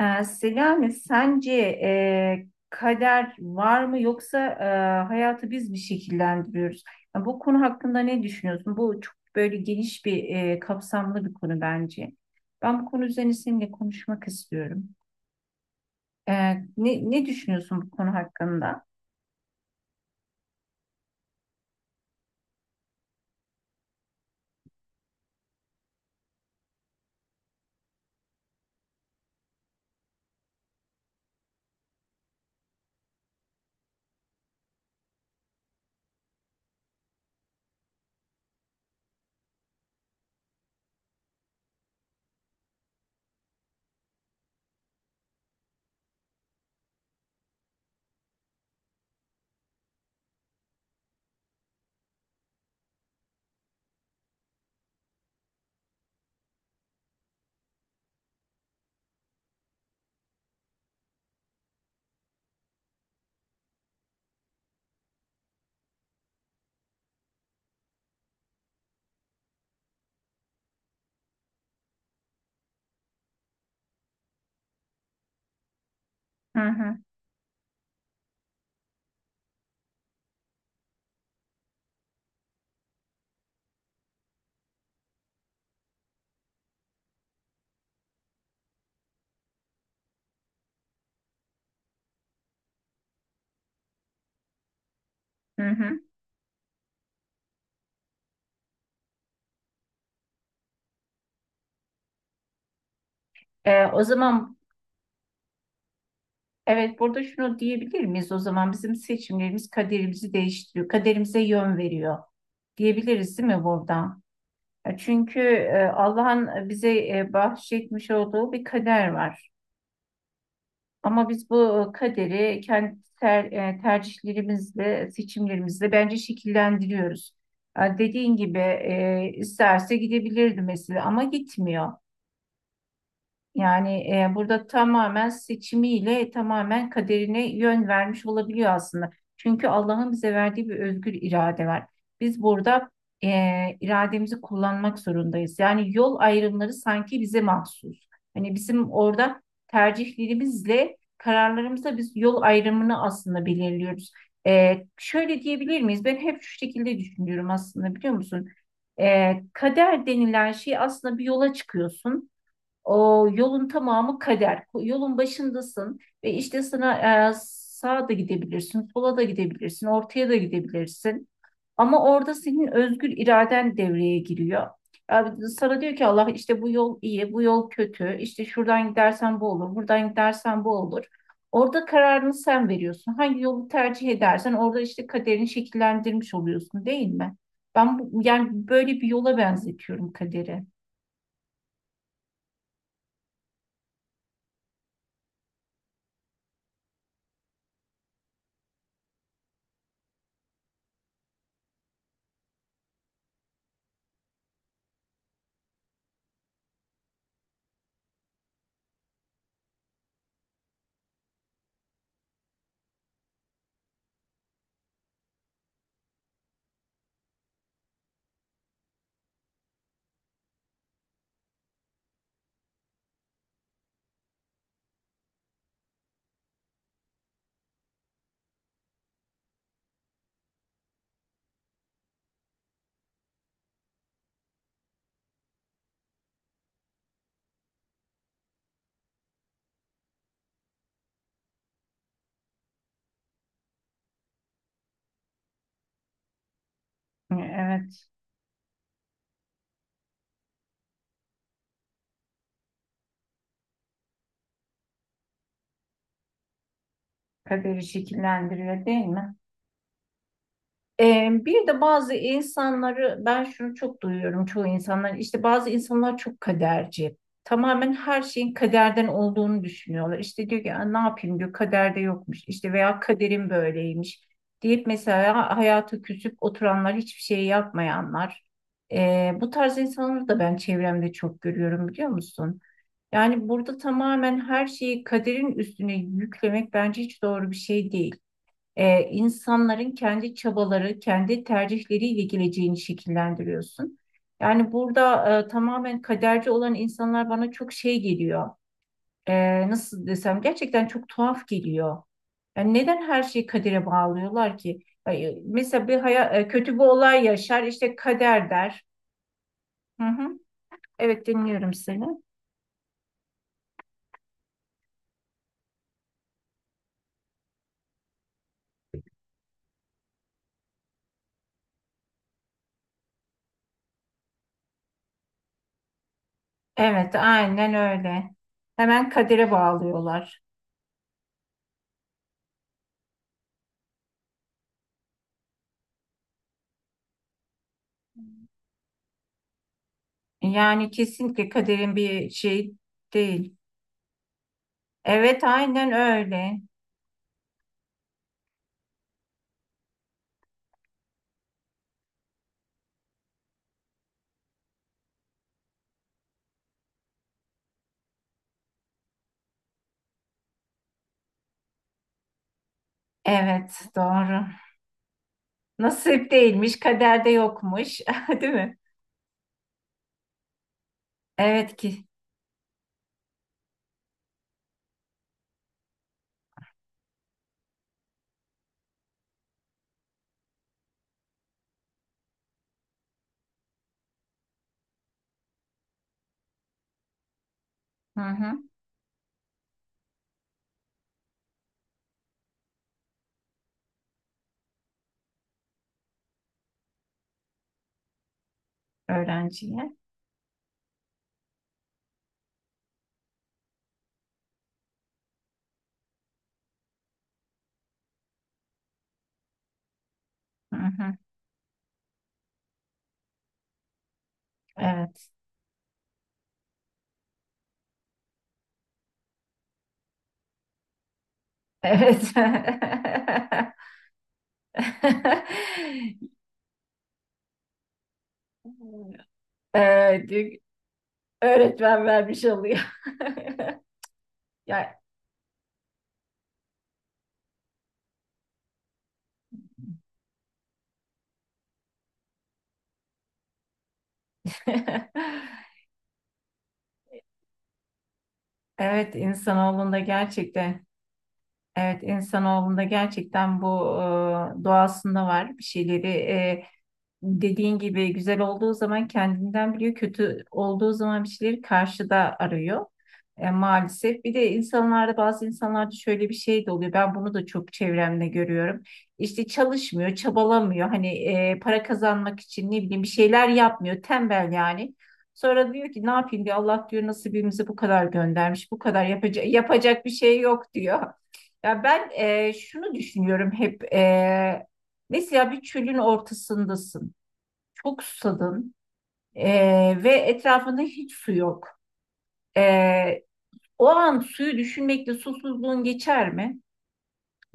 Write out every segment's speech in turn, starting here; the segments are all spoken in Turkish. Selami, sence kader var mı yoksa hayatı biz mi şekillendiriyoruz? Yani bu konu hakkında ne düşünüyorsun? Bu çok böyle geniş bir kapsamlı bir konu bence. Ben bu konu üzerine seninle konuşmak istiyorum. Ee, ne düşünüyorsun bu konu hakkında? Hı hı, hı hı. O zaman evet, burada şunu diyebilir miyiz? O zaman bizim seçimlerimiz kaderimizi değiştiriyor, kaderimize yön veriyor diyebiliriz değil mi burada? Çünkü Allah'ın bize bahşetmiş olduğu bir kader var. Ama biz bu kaderi kendi tercihlerimizle, seçimlerimizle bence şekillendiriyoruz. Dediğin gibi isterse gidebilirdi mesela ama gitmiyor. Yani burada tamamen seçimiyle tamamen kaderine yön vermiş olabiliyor aslında. Çünkü Allah'ın bize verdiği bir özgür irade var. Biz burada irademizi kullanmak zorundayız. Yani yol ayrımları sanki bize mahsus. Hani bizim orada tercihlerimizle kararlarımızla biz yol ayrımını aslında belirliyoruz. E, şöyle diyebilir miyiz? Ben hep şu şekilde düşünüyorum aslında, biliyor musun? E, kader denilen şey aslında, bir yola çıkıyorsun. O yolun tamamı kader. Yolun başındasın ve işte sana sağa da gidebilirsin, sola da gidebilirsin, ortaya da gidebilirsin. Ama orada senin özgür iraden devreye giriyor. E, sana diyor ki Allah, işte bu yol iyi, bu yol kötü, işte şuradan gidersen bu olur, buradan gidersen bu olur. Orada kararını sen veriyorsun. Hangi yolu tercih edersen orada işte kaderini şekillendirmiş oluyorsun, değil mi? Ben bu, yani böyle bir yola benzetiyorum kaderi. Evet. Kaderi şekillendiriyor değil mi? Bir de bazı insanları, ben şunu çok duyuyorum, çoğu insanlar işte bazı insanlar çok kaderci. Tamamen her şeyin kaderden olduğunu düşünüyorlar. İşte diyor ki, "Aa, ne yapayım diyor, kaderde yokmuş işte veya kaderim böyleymiş," deyip mesela hayata küsüp oturanlar, hiçbir şey yapmayanlar. Bu tarz insanları da ben çevremde çok görüyorum, biliyor musun? Yani burada tamamen her şeyi kaderin üstüne yüklemek bence hiç doğru bir şey değil. E, insanların kendi çabaları, kendi tercihleriyle geleceğini şekillendiriyorsun. Yani burada tamamen kaderci olan insanlar bana çok şey geliyor. E, nasıl desem, gerçekten çok tuhaf geliyor. Yani neden her şeyi kadere bağlıyorlar ki? Ay, e, mesela bir kötü bir olay yaşar, işte kader der. Hı hı. Evet, dinliyorum seni. Evet, aynen öyle. Hemen kadere bağlıyorlar. Yani kesinlikle kaderin bir şey değil. Evet, aynen öyle. Evet, doğru. Nasip değilmiş, kaderde yokmuş, değil mi? Evet ki. Hı hı. Öğrenciye. Hı hı. Evet. Evet. Evet, öğretmen vermiş oluyor. Ya. Evet, insanoğlunda gerçekten. Evet, insanoğlunda gerçekten bu doğasında var bir şeyleri. Dediğin gibi güzel olduğu zaman kendinden biliyor, kötü olduğu zaman bir şeyleri karşıda arıyor. E, maalesef. Bir de insanlarda, bazı insanlarda şöyle bir şey de oluyor. Ben bunu da çok çevremde görüyorum. İşte çalışmıyor, çabalamıyor. Hani para kazanmak için ne bileyim bir şeyler yapmıyor. Tembel yani. Sonra diyor ki ne yapayım diyor. Allah diyor nasibimizi bu kadar göndermiş. Bu kadar, yapacak bir şey yok diyor. Ya ben şunu düşünüyorum hep. E, mesela bir çölün ortasındasın, çok susadın ve etrafında hiç su yok. Ee, O an suyu düşünmekle susuzluğun geçer mi?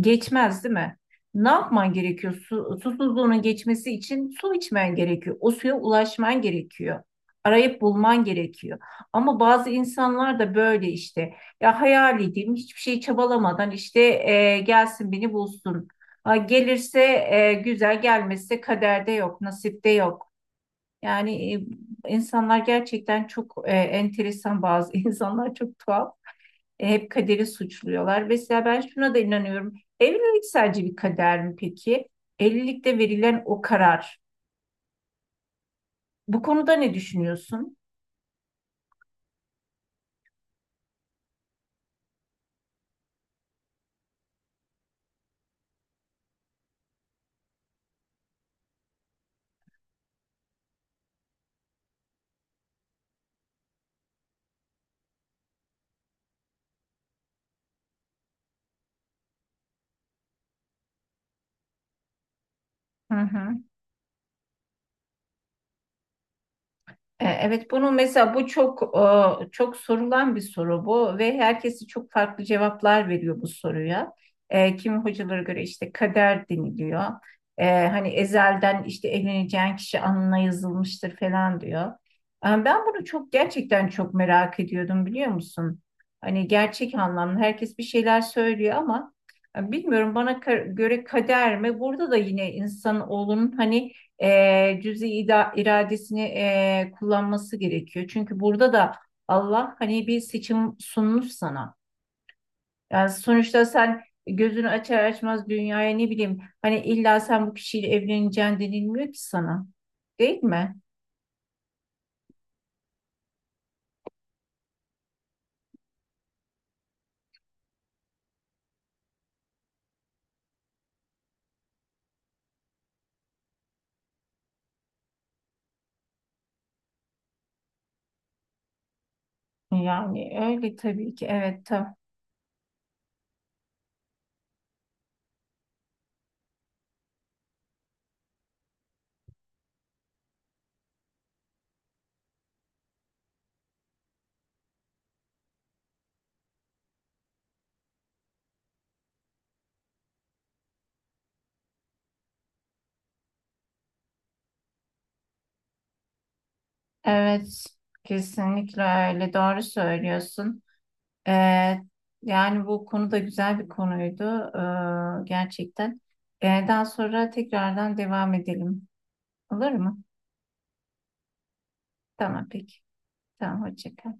Geçmez, değil mi? Ne yapman gerekiyor? Su, susuzluğunun geçmesi için su içmen gerekiyor. O suya ulaşman gerekiyor. Arayıp bulman gerekiyor. Ama bazı insanlar da böyle işte. Ya hayal edeyim, hiçbir şey çabalamadan işte gelsin beni bulsun. Ha, gelirse güzel, gelmezse kaderde yok, nasipte yok. Yani insanlar gerçekten çok enteresan, bazı insanlar çok tuhaf. E, hep kaderi suçluyorlar. Mesela ben şuna da inanıyorum. Evlilik sadece bir kader mi peki? Evlilikte verilen o karar. Bu konuda ne düşünüyorsun? Hı hı. E, evet, bunu mesela, bu çok çok sorulan bir soru bu ve herkesi çok farklı cevaplar veriyor bu soruya. E, kimi hocalara göre işte kader deniliyor. E, hani ezelden işte evleneceğin kişi alnına yazılmıştır falan diyor. E, ben bunu çok, gerçekten çok merak ediyordum, biliyor musun? Hani gerçek anlamda herkes bir şeyler söylüyor ama bilmiyorum, bana göre kader mi? Burada da yine insan olun hani iradesini kullanması gerekiyor. Çünkü burada da Allah hani bir seçim sunmuş sana. Yani sonuçta sen gözünü açar açmaz dünyaya ne bileyim hani illa sen bu kişiyle evleneceksin denilmiyor ki sana. Değil mi? Yani öyle tabii ki, evet tabii. Evet, kesinlikle öyle. Doğru söylüyorsun. Ee, yani bu konu da güzel bir konuydu gerçekten. Daha sonra tekrardan devam edelim. Olur mu? Tamam peki. Tamam, hoşça kal.